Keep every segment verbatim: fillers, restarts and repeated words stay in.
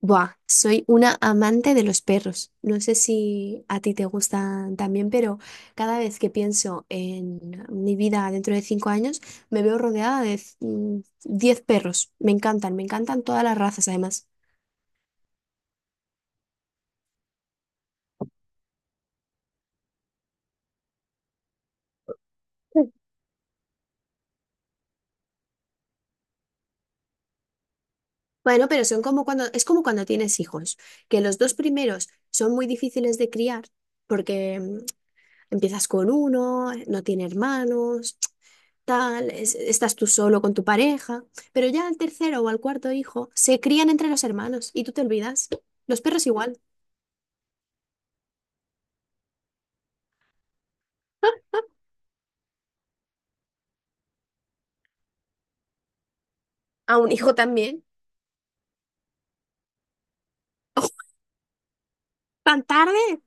Buah, soy una amante de los perros. No sé si a ti te gustan también, pero cada vez que pienso en mi vida dentro de cinco años, me veo rodeada de c- mm, diez perros. Me encantan, me encantan todas las razas además. Bueno, pero son como cuando, es como cuando tienes hijos, que los dos primeros son muy difíciles de criar, porque mm, empiezas con uno, no tiene hermanos, tal, es- estás tú solo con tu pareja, pero ya al tercero o al cuarto hijo se crían entre los hermanos y tú te olvidas. Los perros igual, a un hijo también. ¿Tan tarde?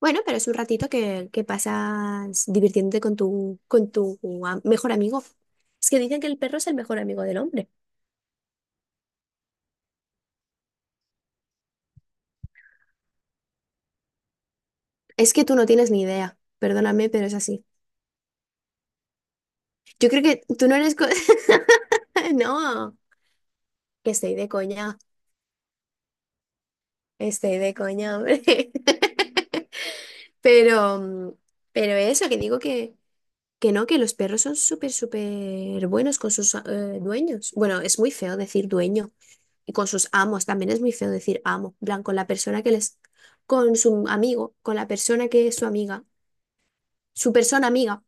Bueno, pero es un ratito que, que pasas divirtiéndote con tu, con tu am- mejor amigo. Es que dicen que el perro es el mejor amigo del hombre. Es que tú no tienes ni idea, perdóname, pero es así. Yo creo que tú no eres... co- No, que estoy de coña. Estoy de coña, hombre. Pero, mm, pero eso, que digo que, que no, que los perros son súper, súper buenos con sus eh, dueños. Bueno, es muy feo decir dueño. Y con sus amos, también es muy feo decir amo. En plan, con la persona que les. Con su amigo, con la persona que es su amiga. Su persona amiga.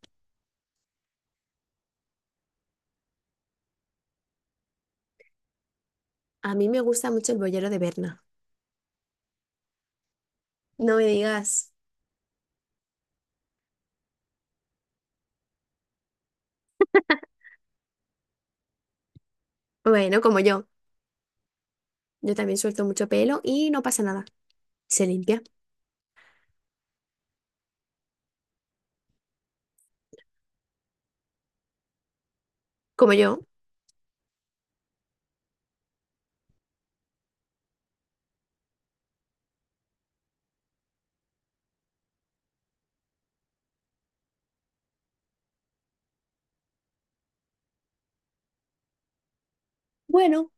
A mí me gusta mucho el boyero de Berna. No me digas. Bueno, como yo. Yo también suelto mucho pelo y no pasa nada. Se limpia. Como yo. Bueno.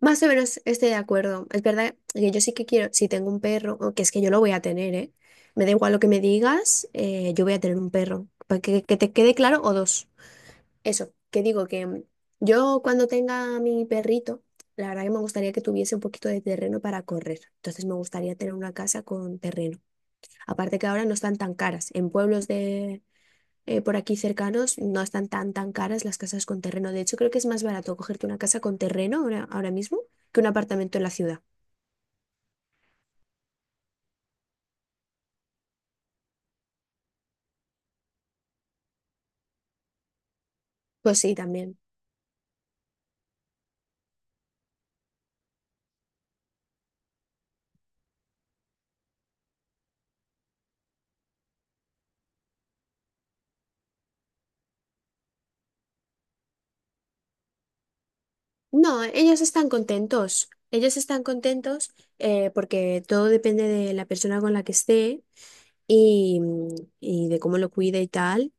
Más o menos estoy de acuerdo. Es verdad que yo sí que quiero, si tengo un perro, o que es que yo lo voy a tener, ¿eh? Me da igual lo que me digas, eh, yo voy a tener un perro. Para Que, que te quede claro o dos. Eso, que digo que mm, yo cuando tenga a mi perrito, la verdad que me gustaría que tuviese un poquito de terreno para correr. Entonces me gustaría tener una casa con terreno. Aparte que ahora no están tan caras. En pueblos de eh, por aquí cercanos no están tan, tan caras las casas con terreno. De hecho, creo que es más barato cogerte una casa con terreno ahora, ahora mismo que un apartamento en la ciudad. Pues sí, también. No, ellos están contentos. Ellos están contentos eh, porque todo depende de la persona con la que esté y, y de cómo lo cuide y tal.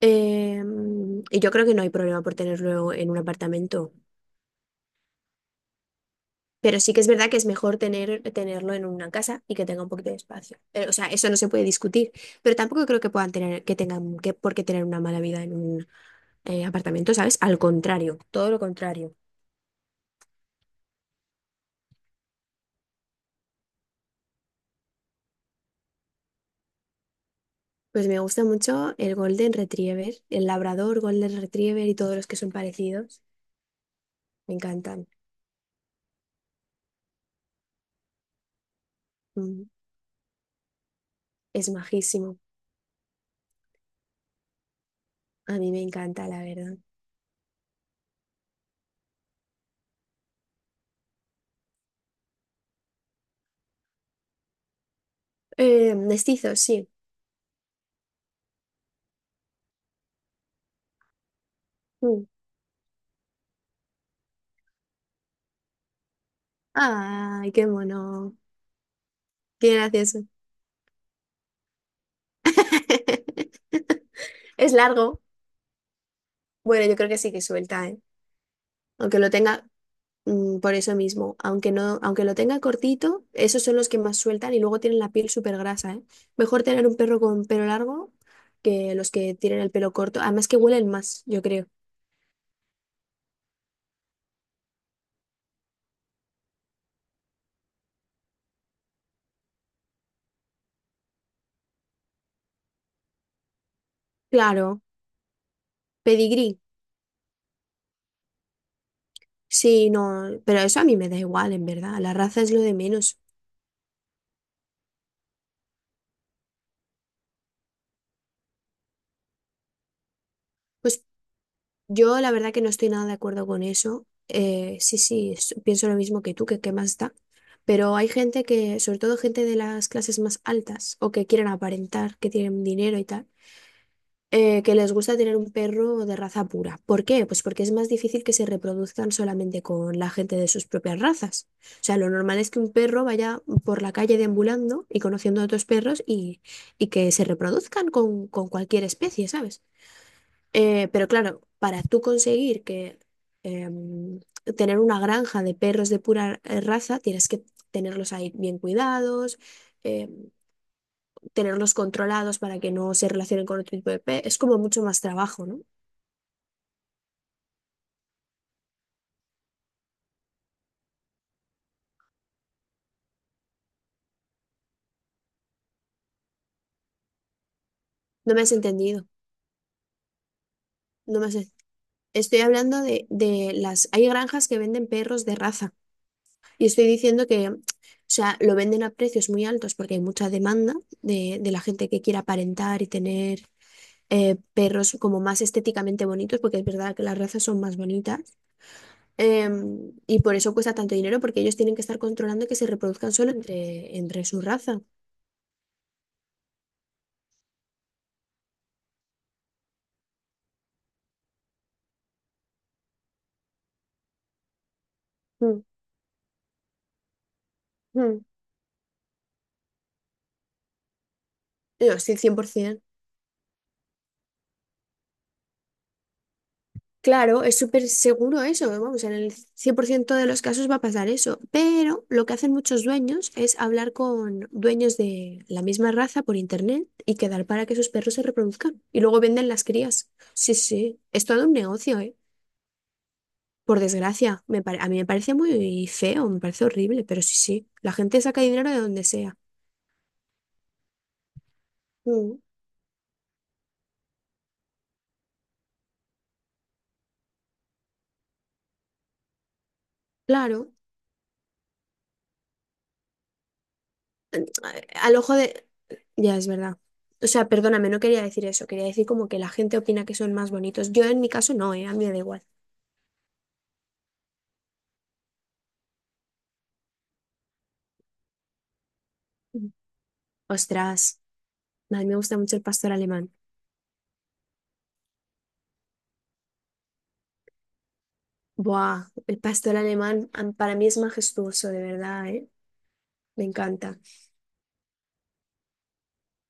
Em, y yo creo que no hay problema por tenerlo en un apartamento. Pero sí que es verdad que es mejor tener, tenerlo en una casa y que tenga un poquito de espacio. Pero, o sea, eso no se puede discutir. Pero tampoco creo que puedan tener, que tengan que, por qué tener una mala vida en un eh, apartamento, ¿sabes? Al contrario, todo lo contrario. Pues me gusta mucho el Golden Retriever, el Labrador, Golden Retriever y todos los que son parecidos. Me encantan. Mm, es majísimo. A mí me encanta, la verdad. Eh, mestizos, sí. Mm. Ay, qué mono. Qué gracioso. Es largo. Bueno, yo creo que sí que suelta, ¿eh? Aunque lo tenga, mm, por eso mismo, aunque no, aunque lo tenga cortito, esos son los que más sueltan y luego tienen la piel súper grasa, ¿eh? Mejor tener un perro con pelo largo que los que tienen el pelo corto. Además que huelen más, yo creo. Claro, pedigrí. Sí, no, pero eso a mí me da igual, en verdad. La raza es lo de menos. Pues yo la verdad que no estoy nada de acuerdo con eso. Eh, sí, sí, es- pienso lo mismo que tú, que qué más da. Pero hay gente que, sobre todo gente de las clases más altas o que quieren aparentar, que tienen dinero y tal, eh, que les gusta tener un perro de raza pura. ¿Por qué? Pues porque es más difícil que se reproduzcan solamente con la gente de sus propias razas. O sea, lo normal es que un perro vaya por la calle deambulando y conociendo a otros perros y, y que se reproduzcan con, con, cualquier especie, ¿sabes? Eh, pero claro, para tú conseguir que em, tener una granja de perros de pura eh, raza, tienes que tenerlos ahí bien cuidados, em, tenerlos controlados para que no se relacionen con otro tipo de pe. Es como mucho más trabajo, ¿no? No me has entendido. No me has en- Estoy hablando de, de las. Hay granjas que venden perros de raza y estoy diciendo que, o sea, lo venden a precios muy altos porque hay mucha demanda de, de la gente que quiere aparentar y tener eh, perros como más estéticamente bonitos, porque es verdad que las razas son más bonitas, em, y por eso cuesta tanto dinero, porque ellos tienen que estar controlando que se reproduzcan solo entre, entre su raza. Mm, mm. Yo, sí, cien por ciento. Claro, es súper seguro eso, ¿eh? Vamos, en el cien por ciento de los casos va a pasar eso, pero lo que hacen muchos dueños es hablar con dueños de la misma raza por internet y quedar para que sus perros se reproduzcan y luego venden las crías. Sí, sí, es todo un negocio, ¿eh? Por desgracia, me pare- a mí me parece muy feo, me parece horrible, pero sí, sí, la gente saca dinero de donde sea. Mm, claro, a- al ojo de. Ya es verdad. O sea, perdóname, no quería decir eso, quería decir como que la gente opina que son más bonitos. Yo en mi caso no, ¿eh? A mí me da igual. Mm. Ostras, a mí me gusta mucho el pastor alemán. Buah, el pastor alemán am- para mí es majestuoso, de verdad, ¿eh? Me encanta.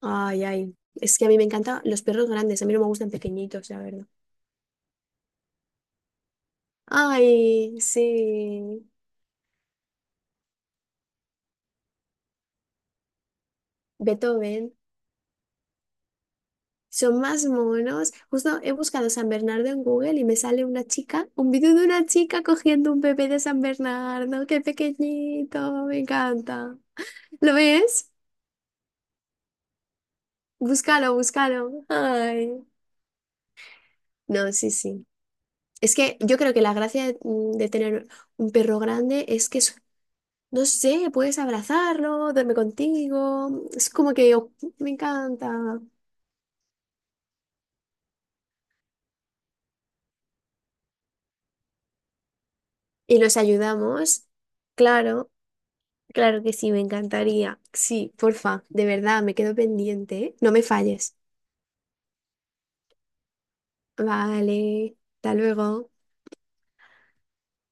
Ay, ay. Es que a mí me encantan los perros grandes, a mí no me gustan pequeñitos, la verdad. Ay, sí. Beethoven, son más monos. Justo he buscado San Bernardo en Google y me sale una chica, un vídeo de una chica cogiendo un bebé de San Bernardo, qué pequeñito, me encanta. ¿Lo ves? Búscalo, búscalo. Ay. No, sí, sí. Es que yo creo que la gracia de, mm, de tener un perro grande es que es- no sé, puedes abrazarlo, duerme contigo, es como que oh, me encanta. Y nos ayudamos, claro. Claro que sí, me encantaría. Sí, porfa, de verdad, me quedo pendiente, ¿eh? No me falles. Vale, hasta luego.